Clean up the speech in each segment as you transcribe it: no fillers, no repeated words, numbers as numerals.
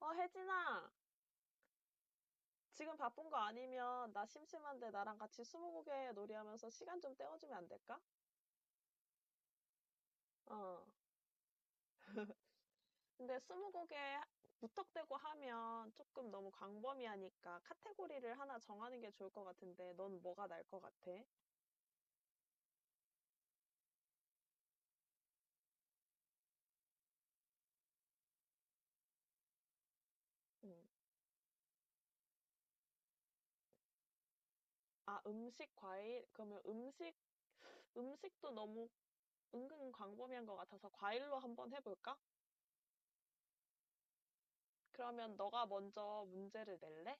혜진아, 지금 바쁜 거 아니면 나 심심한데 나랑 같이 스무고개 놀이하면서 시간 좀 때워주면 안 될까? 어. 근데 스무고개 무턱대고 하면 조금 너무 광범위하니까 카테고리를 하나 정하는 게 좋을 것 같은데 넌 뭐가 날 것 같아? 음. 아, 음식, 과일? 그러면 음식도 너무 은근 광범위한 것 같아서 과일로 한번 해볼까? 그러면 너가 먼저 문제를 낼래?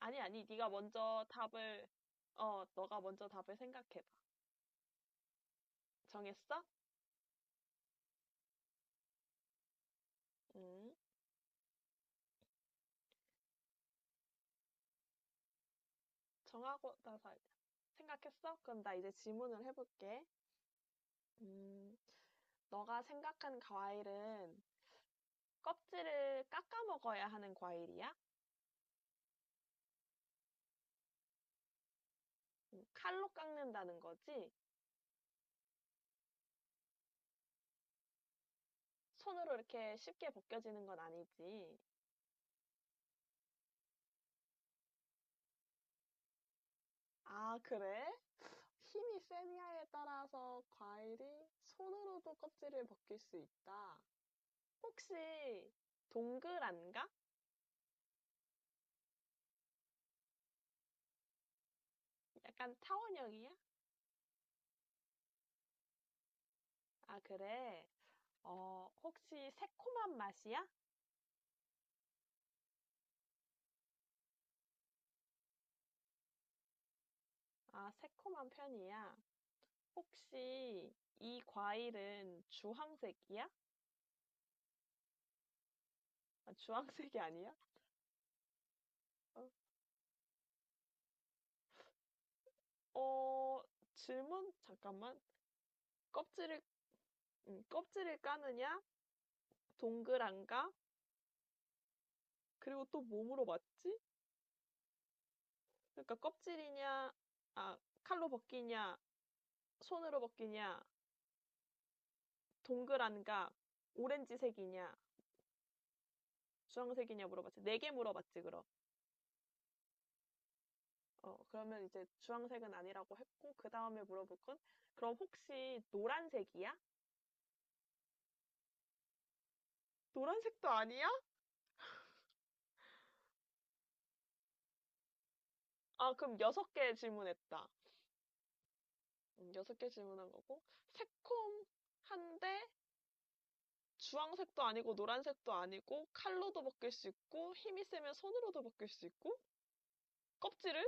아니, 아니, 네가 먼저 답을, 어, 너가 먼저 답을 생각해봐. 정했어? 음, 정하고 나서 알 생각했어? 그럼 나 이제 질문을 해볼게. 음, 너가 생각한 과일은 껍질을 깎아 먹어야 하는 과일이야? 칼로 깎는다는 거지? 손으로 이렇게 쉽게 벗겨지는 건 아니지? 아, 그래? 힘이 세냐에 따라서 과일이 손으로도 껍질을 벗길 수 있다. 혹시 동그란가? 약간 타원형이야? 아, 그래. 어, 혹시 새콤한 맛이야? 아, 새콤한 편이야. 혹시 이 과일은 주황색이야? 아, 주황색이 아니야? 어, 어, 질문 잠깐만. 껍질을 껍질을 까느냐? 동그란가? 그리고 또 몸으로 맞지? 그러니까 껍질이냐? 아, 칼로 벗기냐? 손으로 벗기냐? 동그란가? 오렌지색이냐? 주황색이냐 물어봤지. 네 개 물어봤지, 그럼. 어, 그러면 이제 주황색은 아니라고 했고, 그 다음에 물어볼 건, 그럼 혹시 노란색이야? 노란색도 아니야? 아, 그럼 여섯 개 질문했다. 여섯 개 질문한 거고, 새콤한데, 주황색도 아니고, 노란색도 아니고, 칼로도 벗길 수 있고, 힘이 세면 손으로도 벗길 수 있고, 껍질을?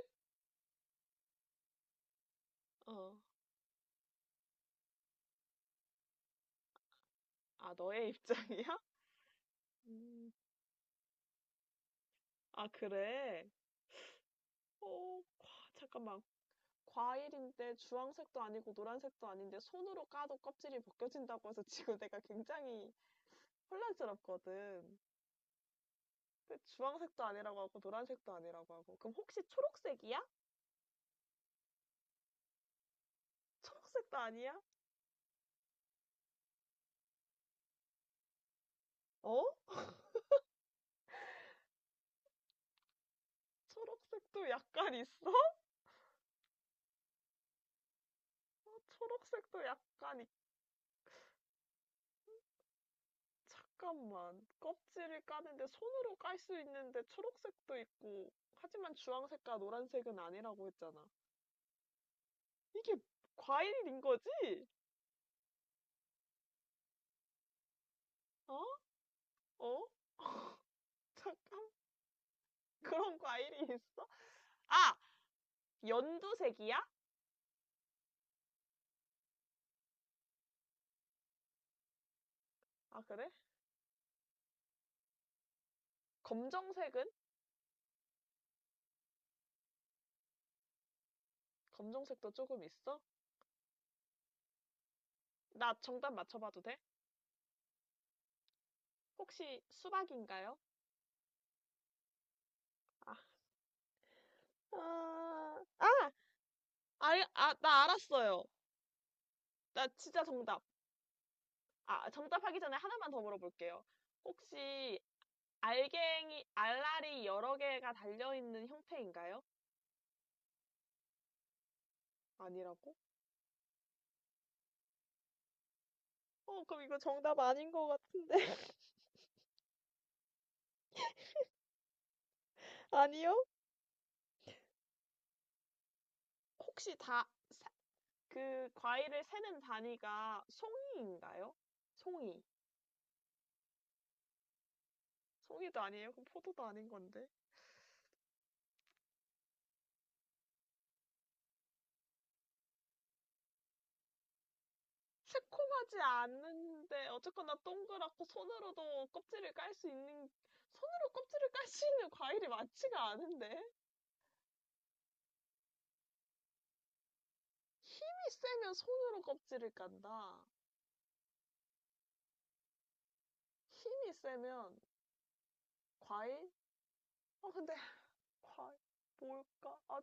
어, 아, 너의 입장이야? 음, 아, 그래? 어, 와, 잠깐만. 과일인데 주황색도 아니고 노란색도 아닌데 손으로 까도 껍질이 벗겨진다고 해서 지금 내가 굉장히 혼란스럽거든. 근데 주황색도 아니라고 하고 노란색도 아니라고 하고. 그럼 혹시 초록색이야? 초록색도 아니야? 어? 초록색도 약간 있어? 어, 초록색도 약간 있... 잠깐만. 껍질을 까는데 손으로 깔 수 있는데 초록색도 있고. 하지만 주황색과 노란색은 아니라고 했잖아. 이게 과일인 거지? 어? 어? 잠깐만. 그런 과일이 있어? 아! 연두색이야? 아, 그래? 검정색은? 검정색도 조금 있어? 나 정답 맞춰봐도 돼? 혹시 수박인가요? 아, 아, 아, 아, 나 알았어요. 나 진짜 정답. 아, 정답하기 전에 하나만 더 물어볼게요. 혹시 알갱이, 알알이 여러 개가 달려있는 형태인가요? 아니라고? 어, 그럼 이거 정답 아닌 것 같은데. 아니요? 혹시 다 그 과일을 세는 단위가 송이인가요? 송이. 송이도 아니에요. 그럼 포도도 아닌 건데. 새콤하지 않은데 어쨌거나 동그랗고 손으로도 껍질을 깔 수 있는 과일이 많지가 않은데 힘이 세면 손으로 껍질을 깐다. 힘이 세면 과일? 아 근데 과일 뭘까? 아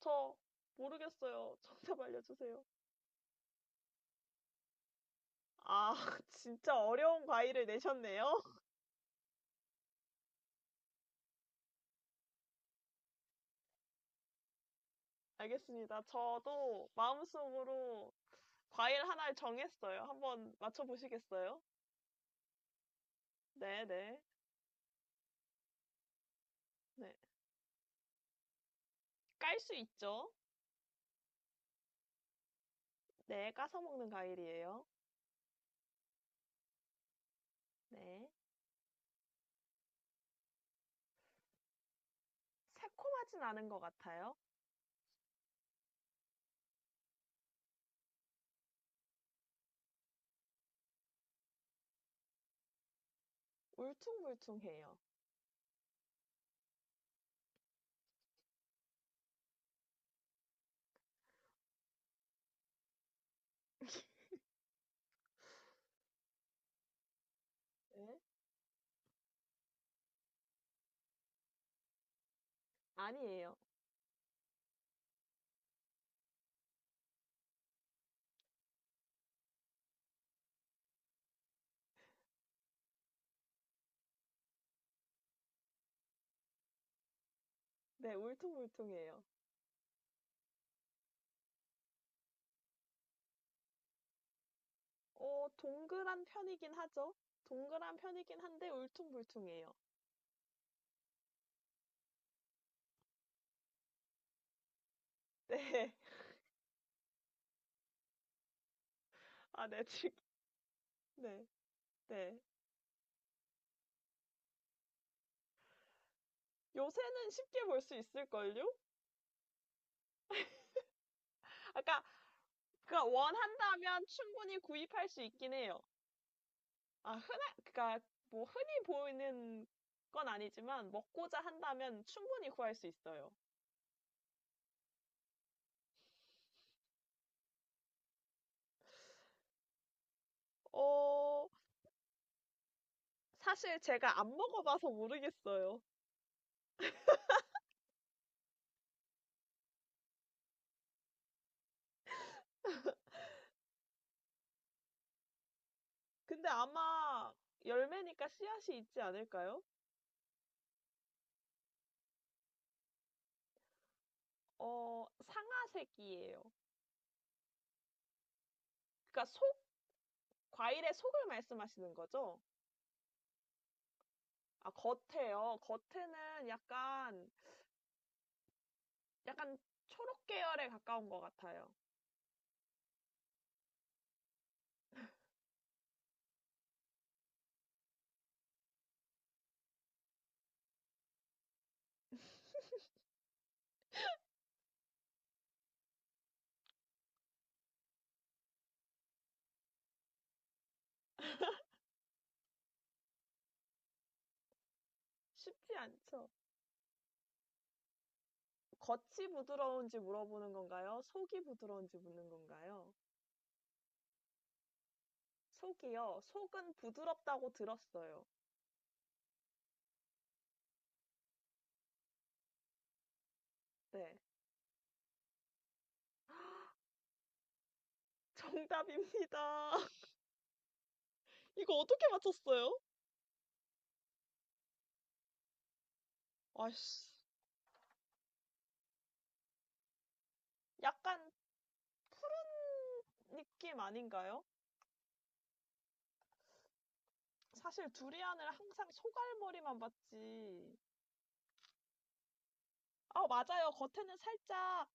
저 모르겠어요. 정답 알려주세요. 아 진짜 어려운 과일을 내셨네요. 알겠습니다. 저도 마음속으로 과일 하나를 정했어요. 한번 맞춰보시겠어요? 네, 네, 네. 깔 수 있죠? 네, 까서 먹는 과일이에요. 네. 새콤하진 않은 것 같아요. 울퉁불퉁해요. 네? 아니에요. 네, 울퉁불퉁해요. 어, 동그란 편이긴 하죠? 동그란 편이긴 한데 울퉁불퉁해요. 네. 아, 네, 지금, 네, 네. 요새는 쉽게 볼 수 있을걸요? 아까 그러니까 원한다면 충분히 구입할 수 있긴 해요. 아, 흔한, 그러니까 뭐 흔히 보이는 건 아니지만 먹고자 한다면 충분히 구할 수 있어요. 어, 사실 제가 안 먹어봐서 모르겠어요. 근데 아마 열매니까 씨앗이 있지 않을까요? 어, 상아색이에요. 그러니까 속, 과일의 속을 말씀하시는 거죠? 아, 겉에요. 약간 초록 계열에 가까운 것 같아요. 쉽지 않죠? 겉이 부드러운지 물어보는 건가요? 속이 부드러운지 묻는 건가요? 속이요. 속은 부드럽다고 들었어요. 네. 정답입니다. 이거 어떻게 맞췄어요? 아이씨. 약간 푸른 느낌 아닌가요? 사실 두리안을 항상 소갈머리만 봤지. 아, 맞아요. 겉에는 살짝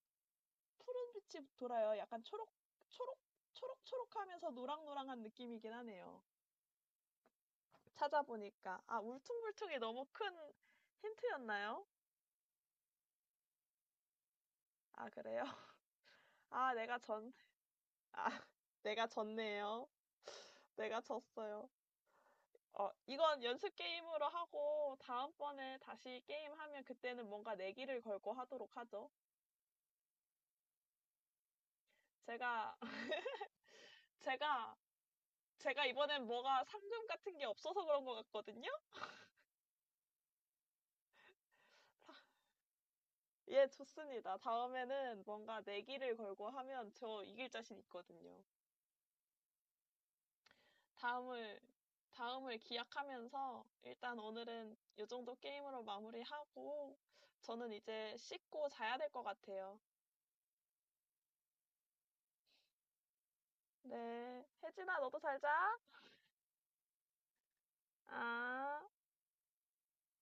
푸른 빛이 돌아요. 초록, 초록초록하면서 노랑노랑한 느낌이긴 하네요. 찾아보니까 아 울퉁불퉁이 너무 큰 힌트였나요? 아 그래요? 아 내가 전 아 내가 졌네요. 내가 졌어요. 어 이건 연습 게임으로 하고 다음번에 다시 게임하면 그때는 뭔가 내기를 걸고 하도록 하죠. 제가 제가 제가 이번엔 뭐가 상금 같은 게 없어서 그런 것 같거든요? 예, 좋습니다. 다음에는 뭔가 내기를 걸고 하면 저 이길 자신 있거든요. 다음을, 다음을 기약하면서 일단 오늘은 이 정도 게임으로 마무리하고 저는 이제 씻고 자야 될 것 같아요. 네. 혜진아, 너도 잘 자. 아.